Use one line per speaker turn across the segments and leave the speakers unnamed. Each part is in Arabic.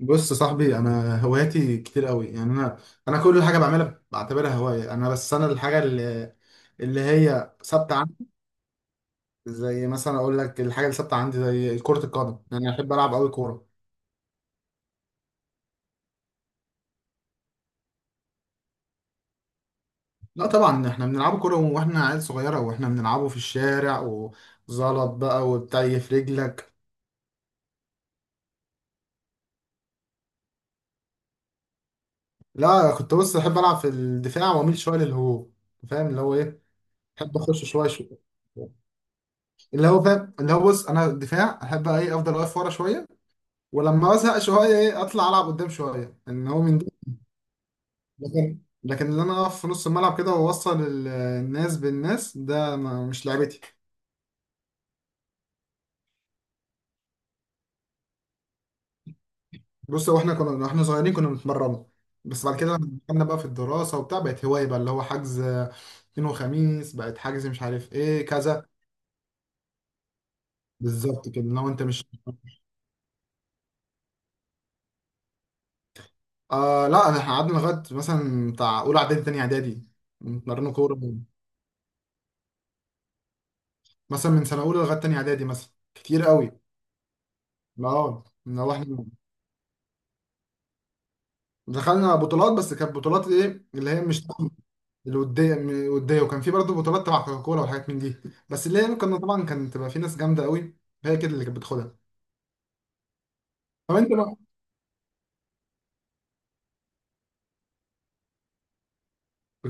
بص يا صاحبي، انا هواياتي كتير قوي. يعني انا كل حاجه بعملها بعتبرها هوايه. يعني انا، بس انا الحاجه اللي هي ثابته عندي. زي مثلا اقول لك، الحاجه اللي ثابته عندي زي كره القدم. يعني انا احب العب قوي كوره. لا طبعا احنا بنلعب كوره واحنا عيال صغيره، واحنا بنلعبه في الشارع وزلط بقى وبتاع في رجلك. لا كنت، بص احب العب في الدفاع واميل شويه للهجوم، فاهم اللي هو ايه. احب اخش شويه شويه، اللي هو فاهم اللي هو. بص انا الدفاع احب ايه، افضل واقف ورا شويه، ولما بزهق شويه ايه، اطلع العب قدام شويه، ان هو من ده. لكن لكن اللي انا اقف في نص الملعب كده واوصل الناس بالناس، ده ما مش لعبتي. بص هو احنا كنا واحنا صغيرين كنا بنتمرنوا، بس بعد كده لما دخلنا بقى في الدراسه وبتاع، بقت هوايه بقى، اللي هو حجز اثنين وخميس، بقت حجز مش عارف ايه كذا. بالظبط كده، لو انت مش لا احنا قعدنا لغايه مثلا بتاع اولى اعدادي تاني اعدادي بنتمرنوا كوره. مثلا من سنه اولى لغايه تاني اعدادي مثلا، كتير قوي. اه، ان هو احنا دخلنا بطولات، بس كانت بطولات ايه اللي هي مش... الوديه، وديه، وكان في برضه بطولات تبع كوكاكولا وحاجات من دي. بس اللي هي كنا طبعا، كانت تبقى في ناس جامده قوي هي كده اللي كانت بتاخدها. طب انت بقى.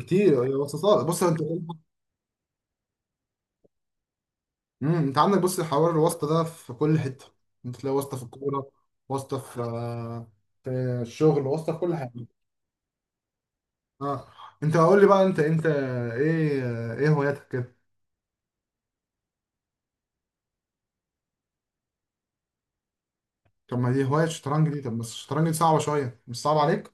كتير يا وسطات، بص انت. انت عندك، بص، حوار الواسطه ده في كل حته. انت تلاقي واسطه في الكوره، واسطه في الشغل، واسطه في كل حاجه. اه. انت قول لي بقى انت ايه هواياتك كده. طب ما دي هوايه الشطرنج دي. طب بس الشطرنج دي صعبه شويه، مش صعب عليك؟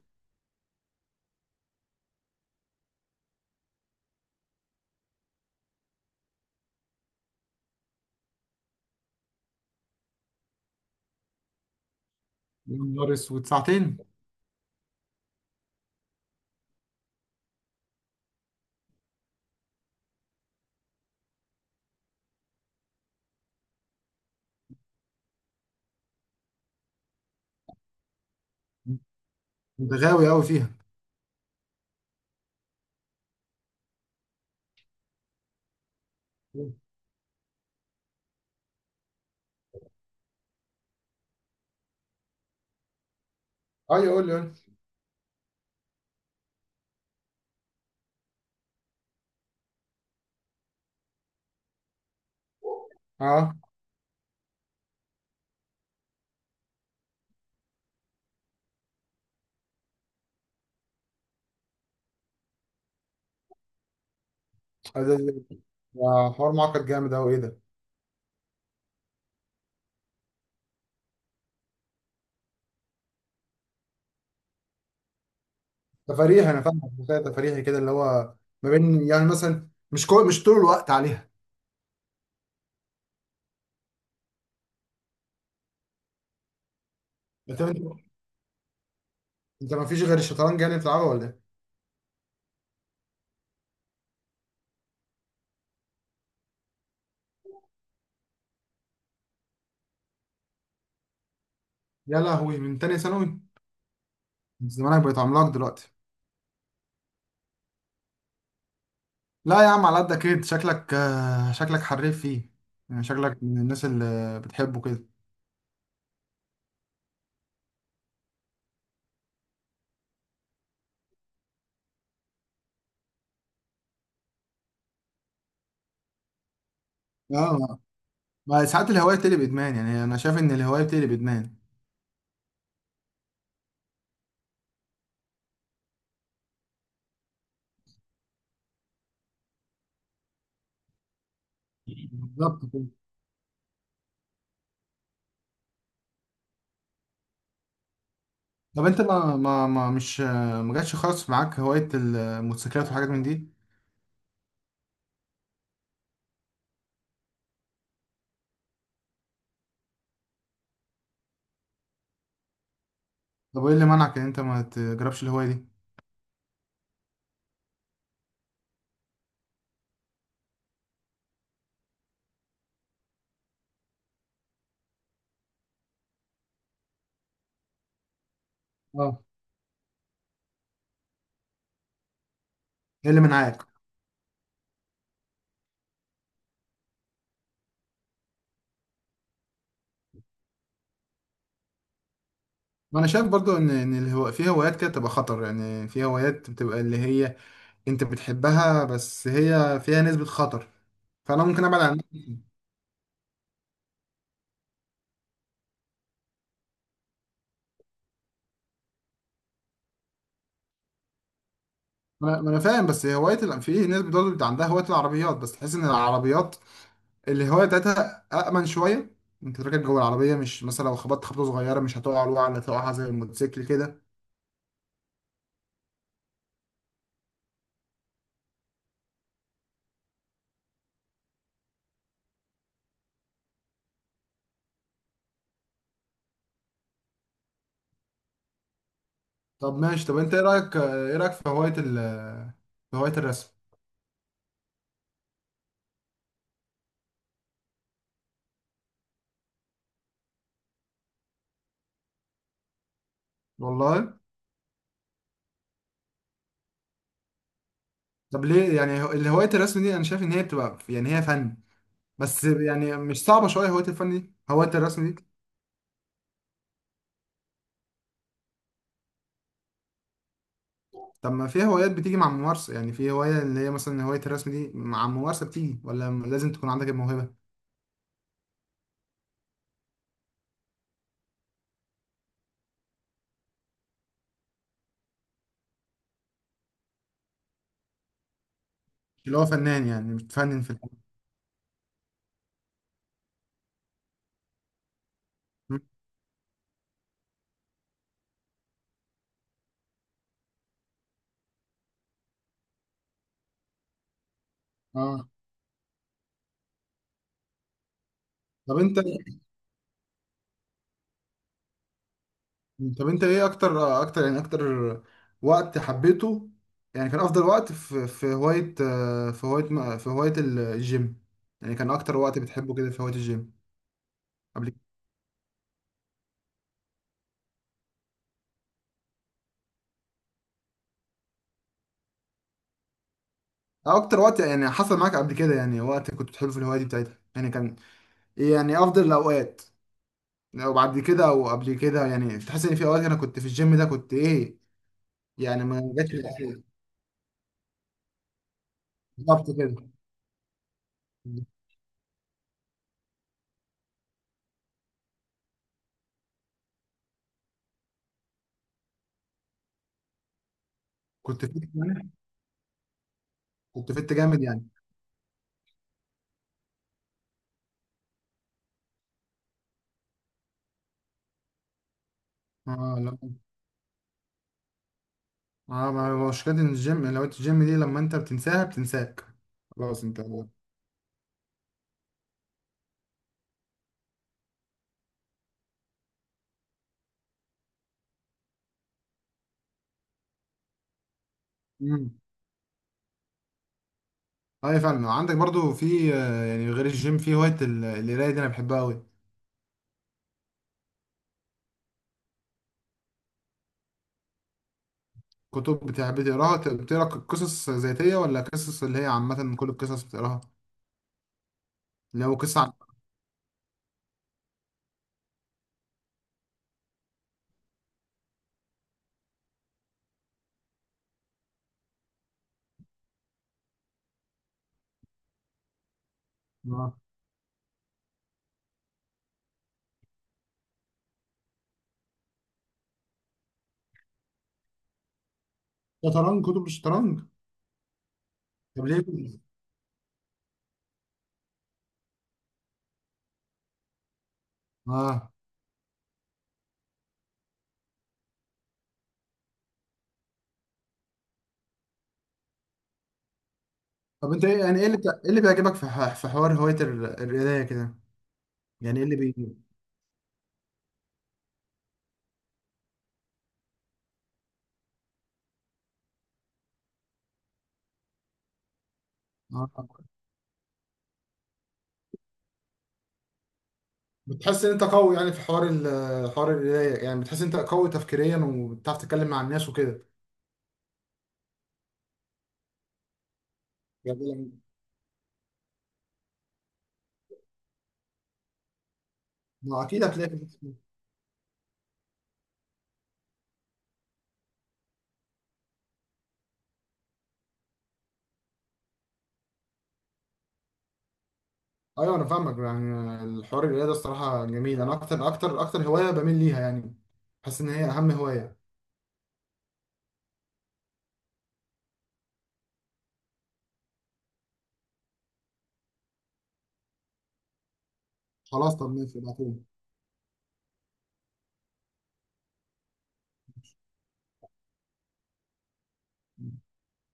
يا نهار اسود، ساعتين! انت غاوي قوي فيها. اه، يقول لي. اه، ده ده- ده حوار معقد جامد قوي، ايه ده. تفريحي، انا فاهم. تفريحي كده، اللي هو ما بين، يعني مثلا، مش طول الوقت عليها. انت انت انت ما فيش غير الشطرنج يعني بتلعبه، ولا ايه؟ يا لهوي، من تاني ثانوي! زمانك بقيت عملاق دلوقتي. لا يا عم، على قدك كده شكلك، شكلك حريف فيه. يعني شكلك من الناس اللي بتحبه كده. اه، ما ساعات الهواية بتقلب ادمان. يعني انا شايف ان الهواية بتقلب ادمان. بالظبط. طب انت ما جاتش خالص معاك هواية الموتوسيكلات وحاجات من دي؟ طب وايه اللي منعك ان انت ما تجربش الهواية دي؟ اه. ايه اللي منعاك. ما انا شايف برضو ان في هوايات كده بتبقى خطر. يعني في هوايات بتبقى اللي هي انت بتحبها، بس هي فيها نسبة خطر. فانا ممكن ابعد عن. ما أنا فاهم، بس في ناس برضه بيبقى عندها هوايه العربيات، بس تحس ان العربيات الهوايه بتاعتها امن شويه. انت راكب جوه العربيه، مش مثلا لو خبطت خبطه صغيره مش هتقع وقعه اللي هتقعها زي الموتوسيكل كده. طب ماشي. طب انت ايه رايك في هوايه ال في هوايه الرسم؟ والله. طب ليه يعني هوايه الرسم دي انا شايف ان هي بتبقى، يعني هي فن. بس يعني مش صعبه شويه هوايه الفن دي، هوايه الرسم دي؟ طب ما في هوايات بتيجي مع الممارسه. يعني في هوايه اللي هي مثلا هوايه الرسم دي، مع الممارسه بتيجي ولا لازم تكون عندك الموهبه؟ اللي هو فنان، يعني بتفنن في الفن. اه. طب انت طب انت ايه اكتر اكتر يعني اكتر وقت حبيته. يعني كان افضل وقت في هواية الجيم. يعني كان اكتر وقت بتحبه كده في هواية الجيم. قبل كده. أو اكتر وقت يعني حصل معاك قبل كده، يعني وقت كنت بتحبه في الهواية دي بتاعتها، يعني كان ايه يعني افضل الاوقات. لو بعد كده او قبل كده، يعني تحس ان في اوقات انا كنت في الجيم ده كنت ايه، يعني ما جاتش. بالظبط كده. كنت فت يعني، كنت فت جامد يعني. اه لا. اه ما هو مشكلة إن الجيم، لو انت، الجيم دي لما انت بتنساها بتنساك. خلاص انت. امم اي، فعلا. عندك برضو في، يعني غير الجيم، في هواية القراية دي انا بحبها قوي. كتب بتحب تقراها، بتقرا قصص ذاتية ولا قصص اللي هي عامة، كل القصص بتقراها؟ اللي هو قصة عن. اه. شطرنج، كتب الشطرنج. طب ليه كده؟ اه، طب انت ايه، يعني ايه اللي بيعجبك في حوار هواية القراية كده. يعني ايه اللي بي. اه. بتحس ان انت قوي، يعني في حوار حوار القرايه، يعني بتحس ان انت قوي تفكيريا وبتعرف تتكلم مع الناس وكده. يعني لما. ما اكيد هتلاقي. ايوه انا فاهمك. يعني الحوار القرايه ده الصراحه جميل، انا اكتر هوايه بميل ليها يعني. بحس ان هي اهم هوايه. خلاص طب ماشي، ابعتولي.